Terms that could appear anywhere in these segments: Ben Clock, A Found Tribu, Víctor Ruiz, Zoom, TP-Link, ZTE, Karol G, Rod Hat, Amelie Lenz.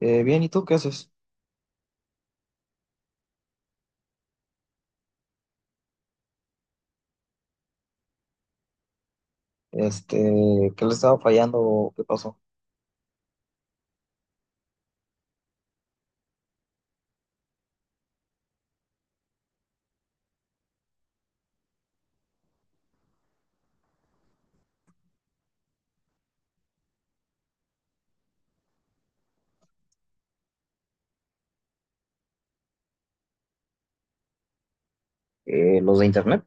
Bien, ¿y tú qué haces? Este, ¿Qué le estaba fallando? ¿O qué pasó? Los de internet.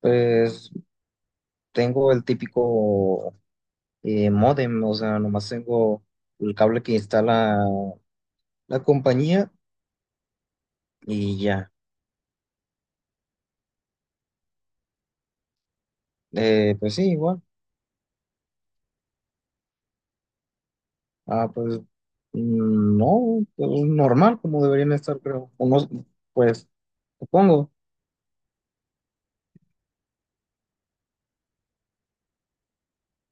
Pues tengo el típico módem. O sea, nomás tengo el cable que instala la compañía y ya. Pues sí, igual. Ah, pues no, pues normal como deberían estar, creo. Unos, pues supongo.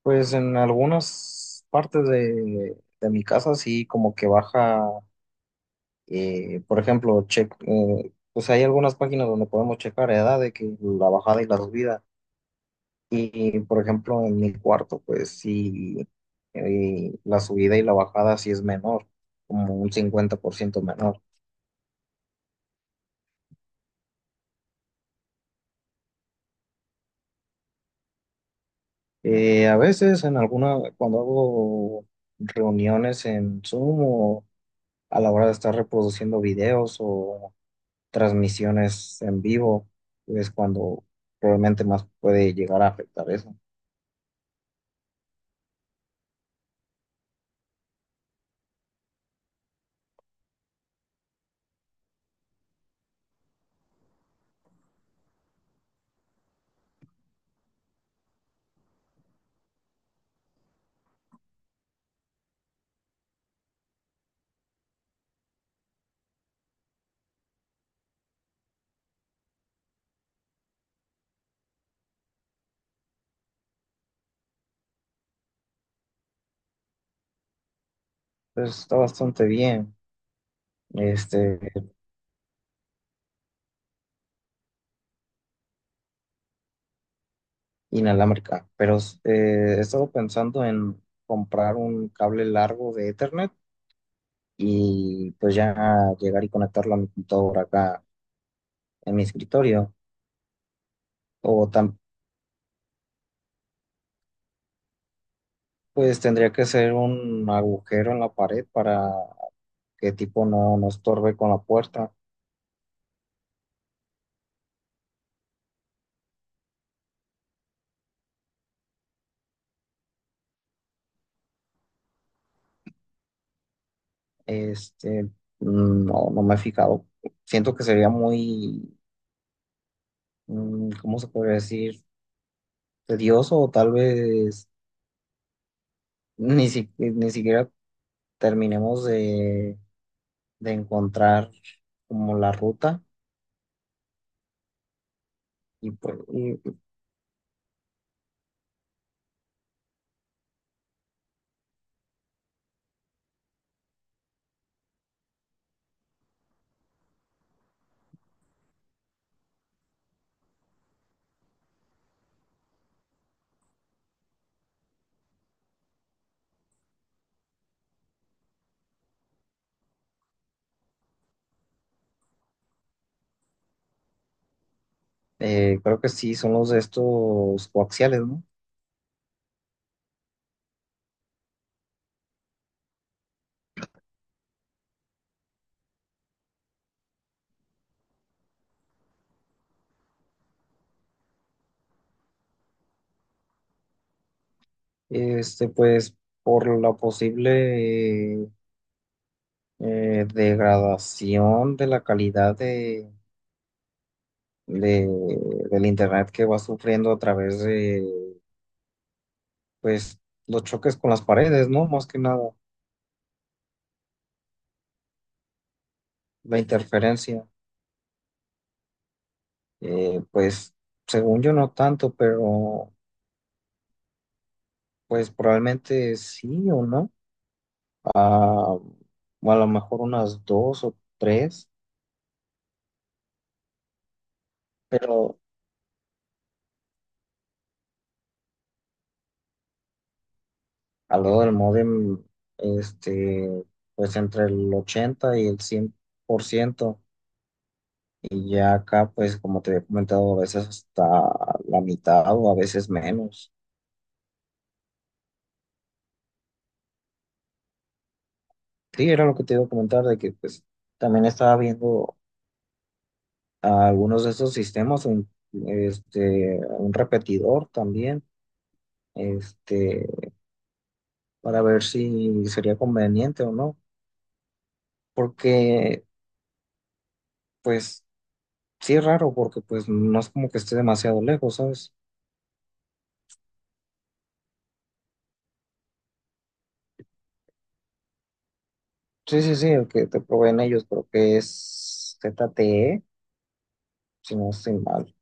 Pues en algunas partes de mi casa sí como que baja. Por ejemplo, pues hay algunas páginas donde podemos checar edad de que la bajada y la subida. Y por ejemplo, en mi cuarto, pues sí, la subida y la bajada sí es menor, como un 50% menor. A veces en alguna, cuando hago reuniones en Zoom o a la hora de estar reproduciendo videos o transmisiones en vivo, es cuando probablemente más puede llegar a afectar eso. Pues está bastante bien. este, Inalámbrica, pero he estado pensando en comprar un cable largo de Ethernet y pues ya llegar y conectarlo a mi computadora acá en mi escritorio. O tam- pues tendría que ser un agujero en la pared para que tipo no estorbe con la puerta. Este, no, no me he fijado. Siento que sería muy, ¿cómo se podría decir? Tedioso, o tal vez ni siquiera terminemos de encontrar como la ruta y, pues. Creo que sí, son los de estos coaxiales, ¿no? Pues por la posible degradación de la calidad de- del internet que va sufriendo a través de, pues, los choques con las paredes, ¿no? Más que nada, la interferencia. Pues, según yo no tanto, pero pues probablemente sí o no. Ah, o a lo mejor unas dos o tres, pero al lado del módem, este, pues entre el 80 y el 100%, y ya acá, pues como te había comentado, a veces hasta la mitad o a veces menos. Sí, era lo que te iba a comentar, de que pues también estaba viendo a algunos de esos sistemas, un repetidor también, este, para ver si sería conveniente o no, porque pues sí es raro porque pues no es como que esté demasiado lejos, ¿sabes? Sí, sí, sí, el que te proveen ellos creo que es ZTE, si no estoy mal.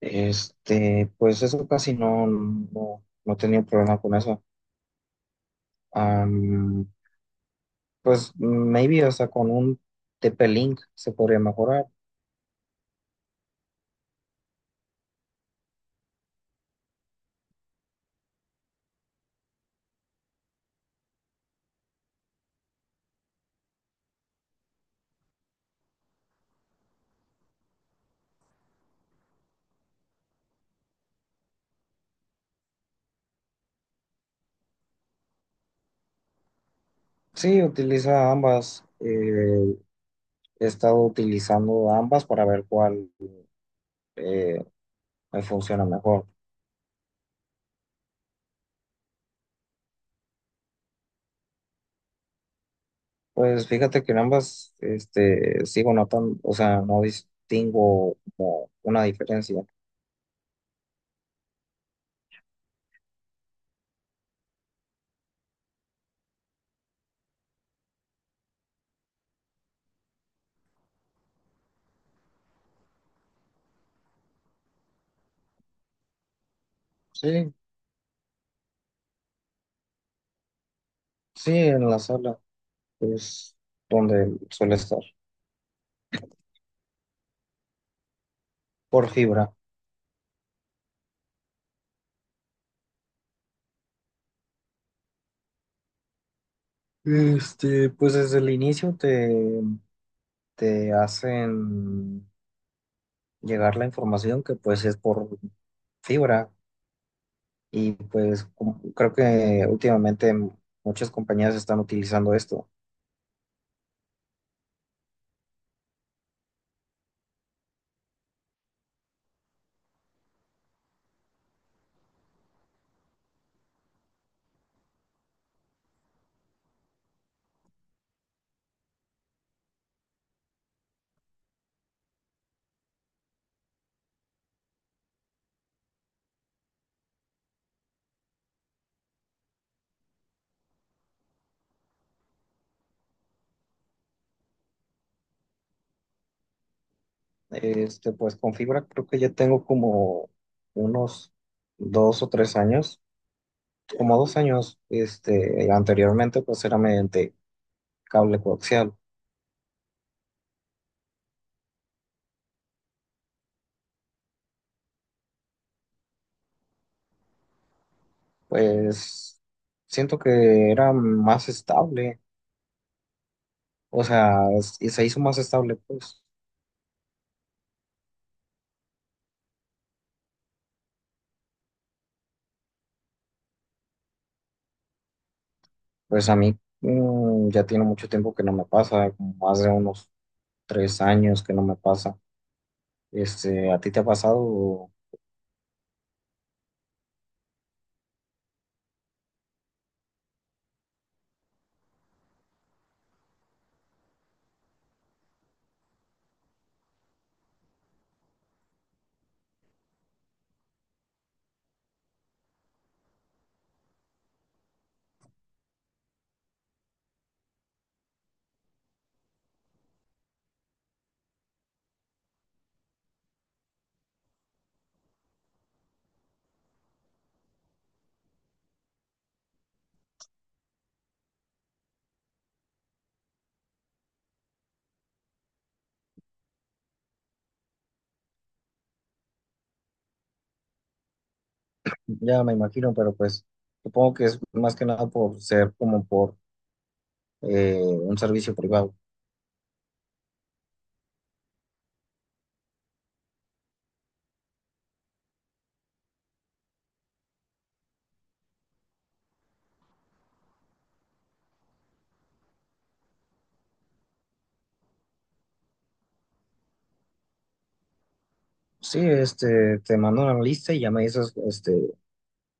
Pues eso casi no he tenido problema con eso. Am, pues maybe, o sea, con un TP-Link se podría mejorar. Sí, utiliza ambas. He estado utilizando ambas para ver cuál eh, me funciona mejor. Pues fíjate que en ambas sigo notando, o sea, no distingo como una diferencia. Sí, sí, en la sala es donde suele estar, por fibra. Pues desde el inicio te hacen llegar la información que pues es por fibra y pues creo que últimamente muchas compañías están utilizando esto. Pues con fibra creo que ya tengo como unos 2 o 3 años, como 2 años, anteriormente pues era mediante cable coaxial. Pues siento que era más estable, o sea, y se hizo más estable, pues. Pues a mí, ya tiene mucho tiempo que no me pasa, como más de unos 3 años que no me pasa. ¿A ti te ha pasado? Ya me imagino, pero pues supongo que es más que nada por ser como por un servicio privado. Sí, te mando una lista y ya me dices, este,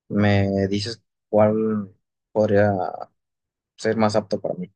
me dices cuál podría ser más apto para mí.